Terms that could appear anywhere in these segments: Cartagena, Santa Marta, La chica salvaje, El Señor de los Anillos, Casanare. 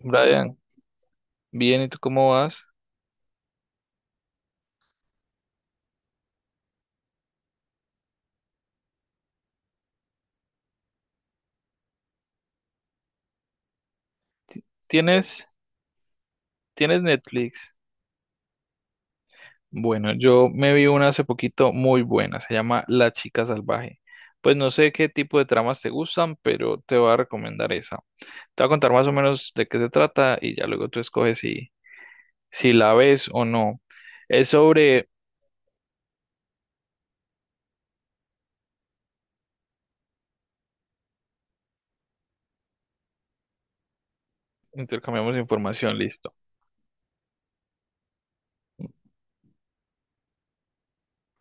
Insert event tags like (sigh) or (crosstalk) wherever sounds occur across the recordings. Brian, bien, ¿y tú cómo vas? ¿Tienes, Netflix? Bueno, yo me vi una hace poquito muy buena, se llama La Chica Salvaje. Pues no sé qué tipo de tramas te gustan, pero te voy a recomendar esa. Te voy a contar más o menos de qué se trata y ya luego tú escoges si la ves o no. Es sobre, intercambiamos información, listo.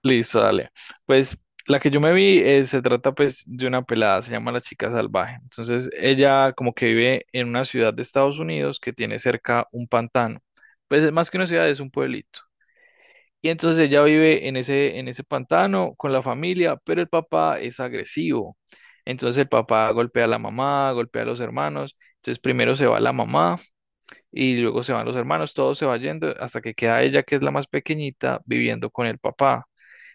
Listo, dale. Pues la que yo me vi se trata pues de una pelada, se llama La Chica Salvaje. Entonces ella como que vive en una ciudad de Estados Unidos que tiene cerca un pantano. Pues es más que una ciudad, es un pueblito. Y entonces ella vive en ese pantano con la familia, pero el papá es agresivo. Entonces el papá golpea a la mamá, golpea a los hermanos. Entonces primero se va la mamá y luego se van los hermanos, todo se va yendo hasta que queda ella, que es la más pequeñita, viviendo con el papá.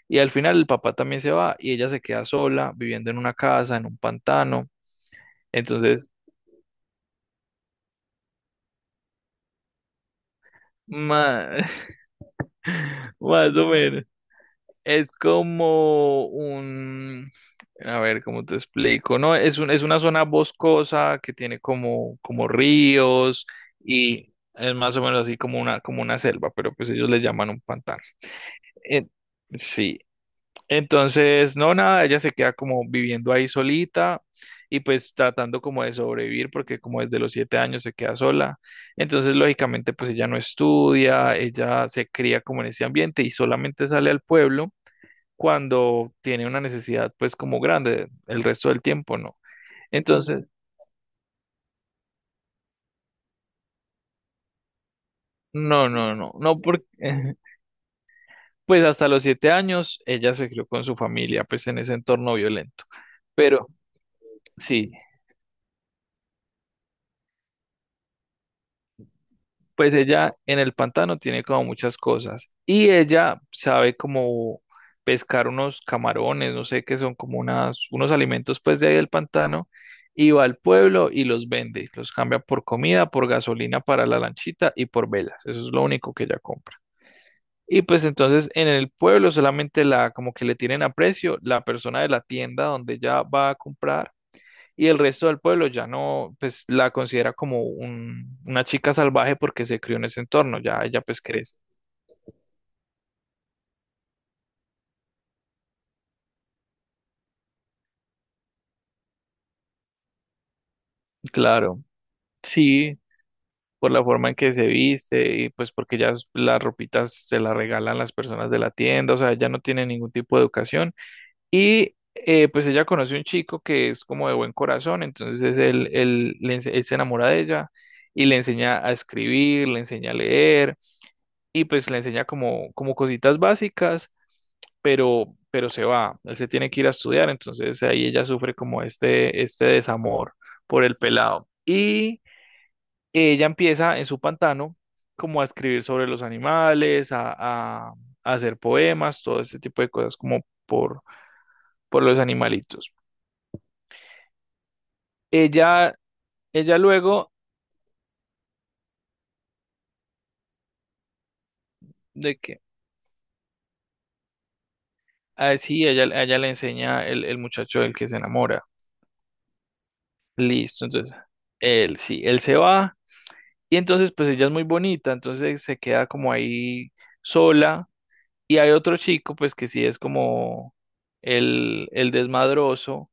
Y al final el papá también se va y ella se queda sola, viviendo en una casa, en un pantano. Entonces, ma- (laughs) más o menos, es como un, a ver, ¿cómo te explico? No, es un, es una zona boscosa que tiene como, como ríos y es más o menos así como una selva, pero pues ellos le llaman un pantano. Eh, sí, entonces, no, nada, ella se queda como viviendo ahí solita y pues tratando como de sobrevivir porque como desde los 7 años se queda sola. Entonces, lógicamente, pues ella no estudia, ella se cría como en ese ambiente y solamente sale al pueblo cuando tiene una necesidad pues como grande, el resto del tiempo no. Entonces, no, no, no, no, porque (laughs) pues hasta los 7 años ella se crió con su familia pues en ese entorno violento. Pero sí, pues ella en el pantano tiene como muchas cosas y ella sabe como pescar unos camarones, no sé qué son como unas, unos alimentos pues de ahí del pantano y va al pueblo y los vende, los cambia por comida, por gasolina para la lanchita y por velas, eso es lo único que ella compra. Y pues entonces en el pueblo solamente la como que le tienen aprecio la persona de la tienda donde ella va a comprar y el resto del pueblo ya no, pues la considera como una chica salvaje porque se crió en ese entorno, ya ella pues crece. Claro, sí, por la forma en que se viste y pues porque ya las ropitas se las regalan las personas de la tienda, o sea, ella no tiene ningún tipo de educación y pues ella conoce un chico que es como de buen corazón, entonces él se enamora de ella y le enseña a escribir, le enseña a leer y pues le enseña como, como cositas básicas pero se va, él se tiene que ir a estudiar, entonces ahí ella sufre como este desamor por el pelado. Y ella empieza en su pantano como a escribir sobre los animales, a hacer poemas, todo este tipo de cosas como por, por los animalitos. Ella, ella luego de que, sí, a ella le enseña el muchacho del que se enamora, listo, entonces él, sí, él se va. Y entonces, pues ella es muy bonita, entonces se queda como ahí sola. Y hay otro chico, pues que sí es como el desmadroso,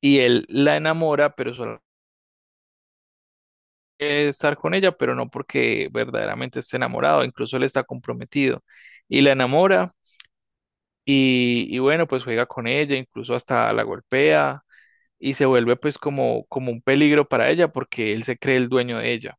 y él la enamora, pero solo quiere estar con ella, pero no porque verdaderamente esté enamorado, incluso él está comprometido. Y la enamora, y bueno, pues juega con ella, incluso hasta la golpea, y se vuelve pues como, como un peligro para ella, porque él se cree el dueño de ella.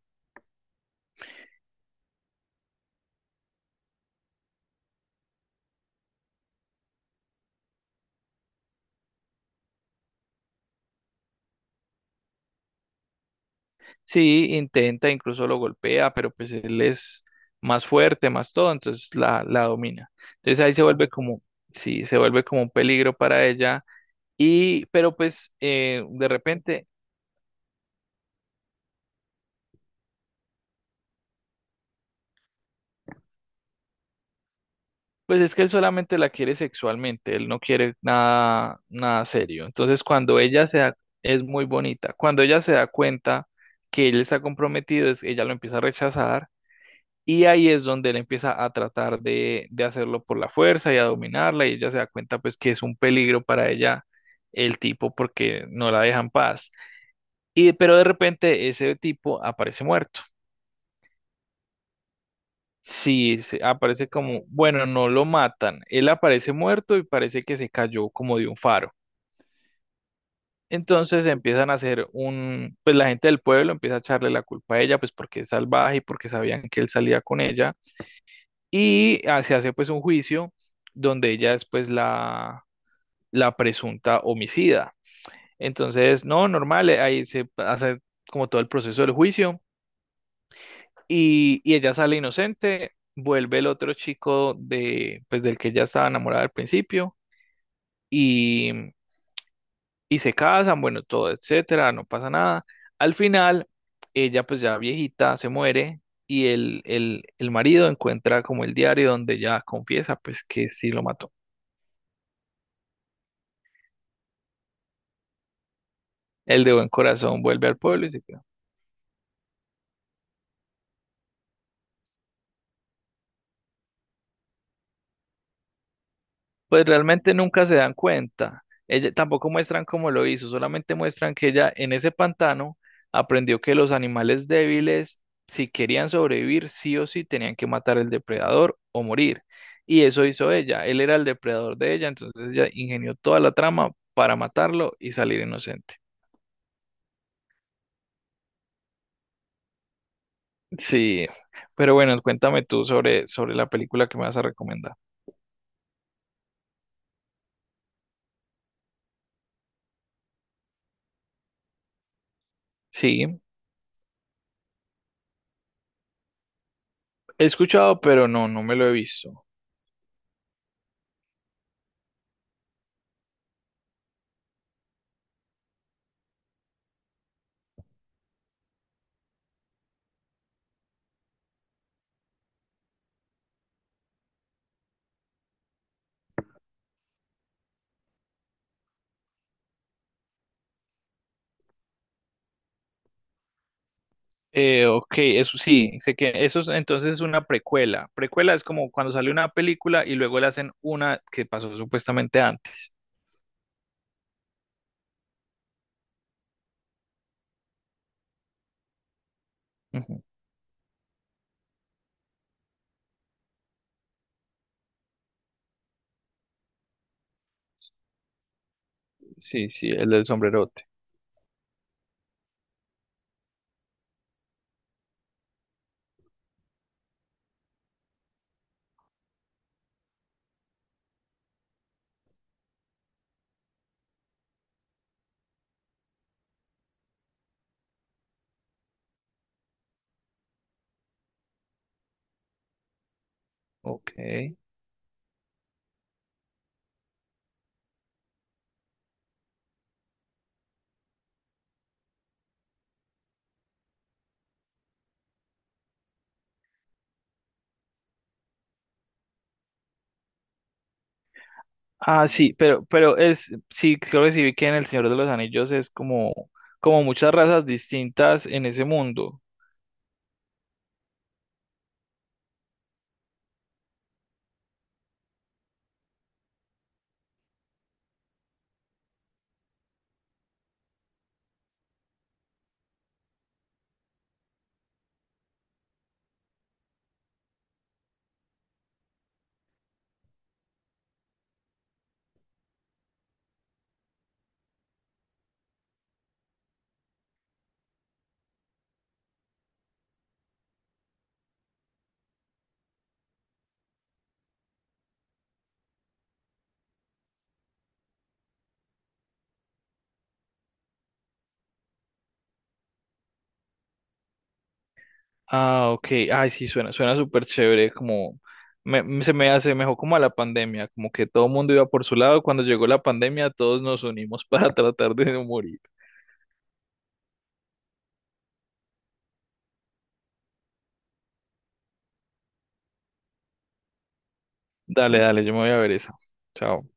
Sí, intenta, incluso lo golpea, pero pues él es más fuerte, más todo, entonces la domina. Entonces ahí se vuelve como, sí, se vuelve como un peligro para ella. Y, pero pues de repente, pues es que él solamente la quiere sexualmente, él no quiere nada, nada serio. Entonces cuando ella se da, es muy bonita, cuando ella se da cuenta que él está comprometido, ella lo empieza a rechazar. Y ahí es donde él empieza a tratar de hacerlo por la fuerza y a dominarla y ella se da cuenta pues que es un peligro para ella el tipo porque no la deja en paz. Y pero de repente ese tipo aparece muerto. Sí, aparece como, bueno, no lo matan. Él aparece muerto y parece que se cayó como de un faro. Entonces empiezan a hacer pues la gente del pueblo empieza a echarle la culpa a ella, pues porque es salvaje y porque sabían que él salía con ella. Y se hace pues un juicio donde ella es pues la presunta homicida. Entonces, no, normal, ahí se hace como todo el proceso del juicio y ella sale inocente, vuelve el otro chico de pues del que ella estaba enamorada al principio y, y se casan, bueno, todo, etcétera, no pasa nada. Al final, ella pues ya viejita se muere. Y el marido encuentra como el diario donde ella confiesa pues que sí lo mató. El de buen corazón vuelve al pueblo y se queda. Pues realmente nunca se dan cuenta. Ella, tampoco muestran cómo lo hizo, solamente muestran que ella en ese pantano aprendió que los animales débiles, si querían sobrevivir, sí o sí tenían que matar al depredador o morir. Y eso hizo ella. Él era el depredador de ella, entonces ella ingenió toda la trama para matarlo y salir inocente. Sí, pero bueno, cuéntame tú sobre, la película que me vas a recomendar. Sí, he escuchado, pero no, no me lo he visto. Ok, eso sí, sé que eso es, entonces es una precuela. Precuela es como cuando sale una película y luego le hacen una que pasó supuestamente antes. Ujú. Sí, sí, el del sombrerote. Ok. Ah, sí, pero es, sí, creo que sí vi que en El Señor de los Anillos es como, como muchas razas distintas en ese mundo. Ah, ok. Ay, sí, suena, suena súper chévere, como se me hace mejor como a la pandemia, como que todo el mundo iba por su lado, cuando llegó la pandemia todos nos unimos para (laughs) tratar de no morir. Dale, dale, yo me voy a ver esa. Chao.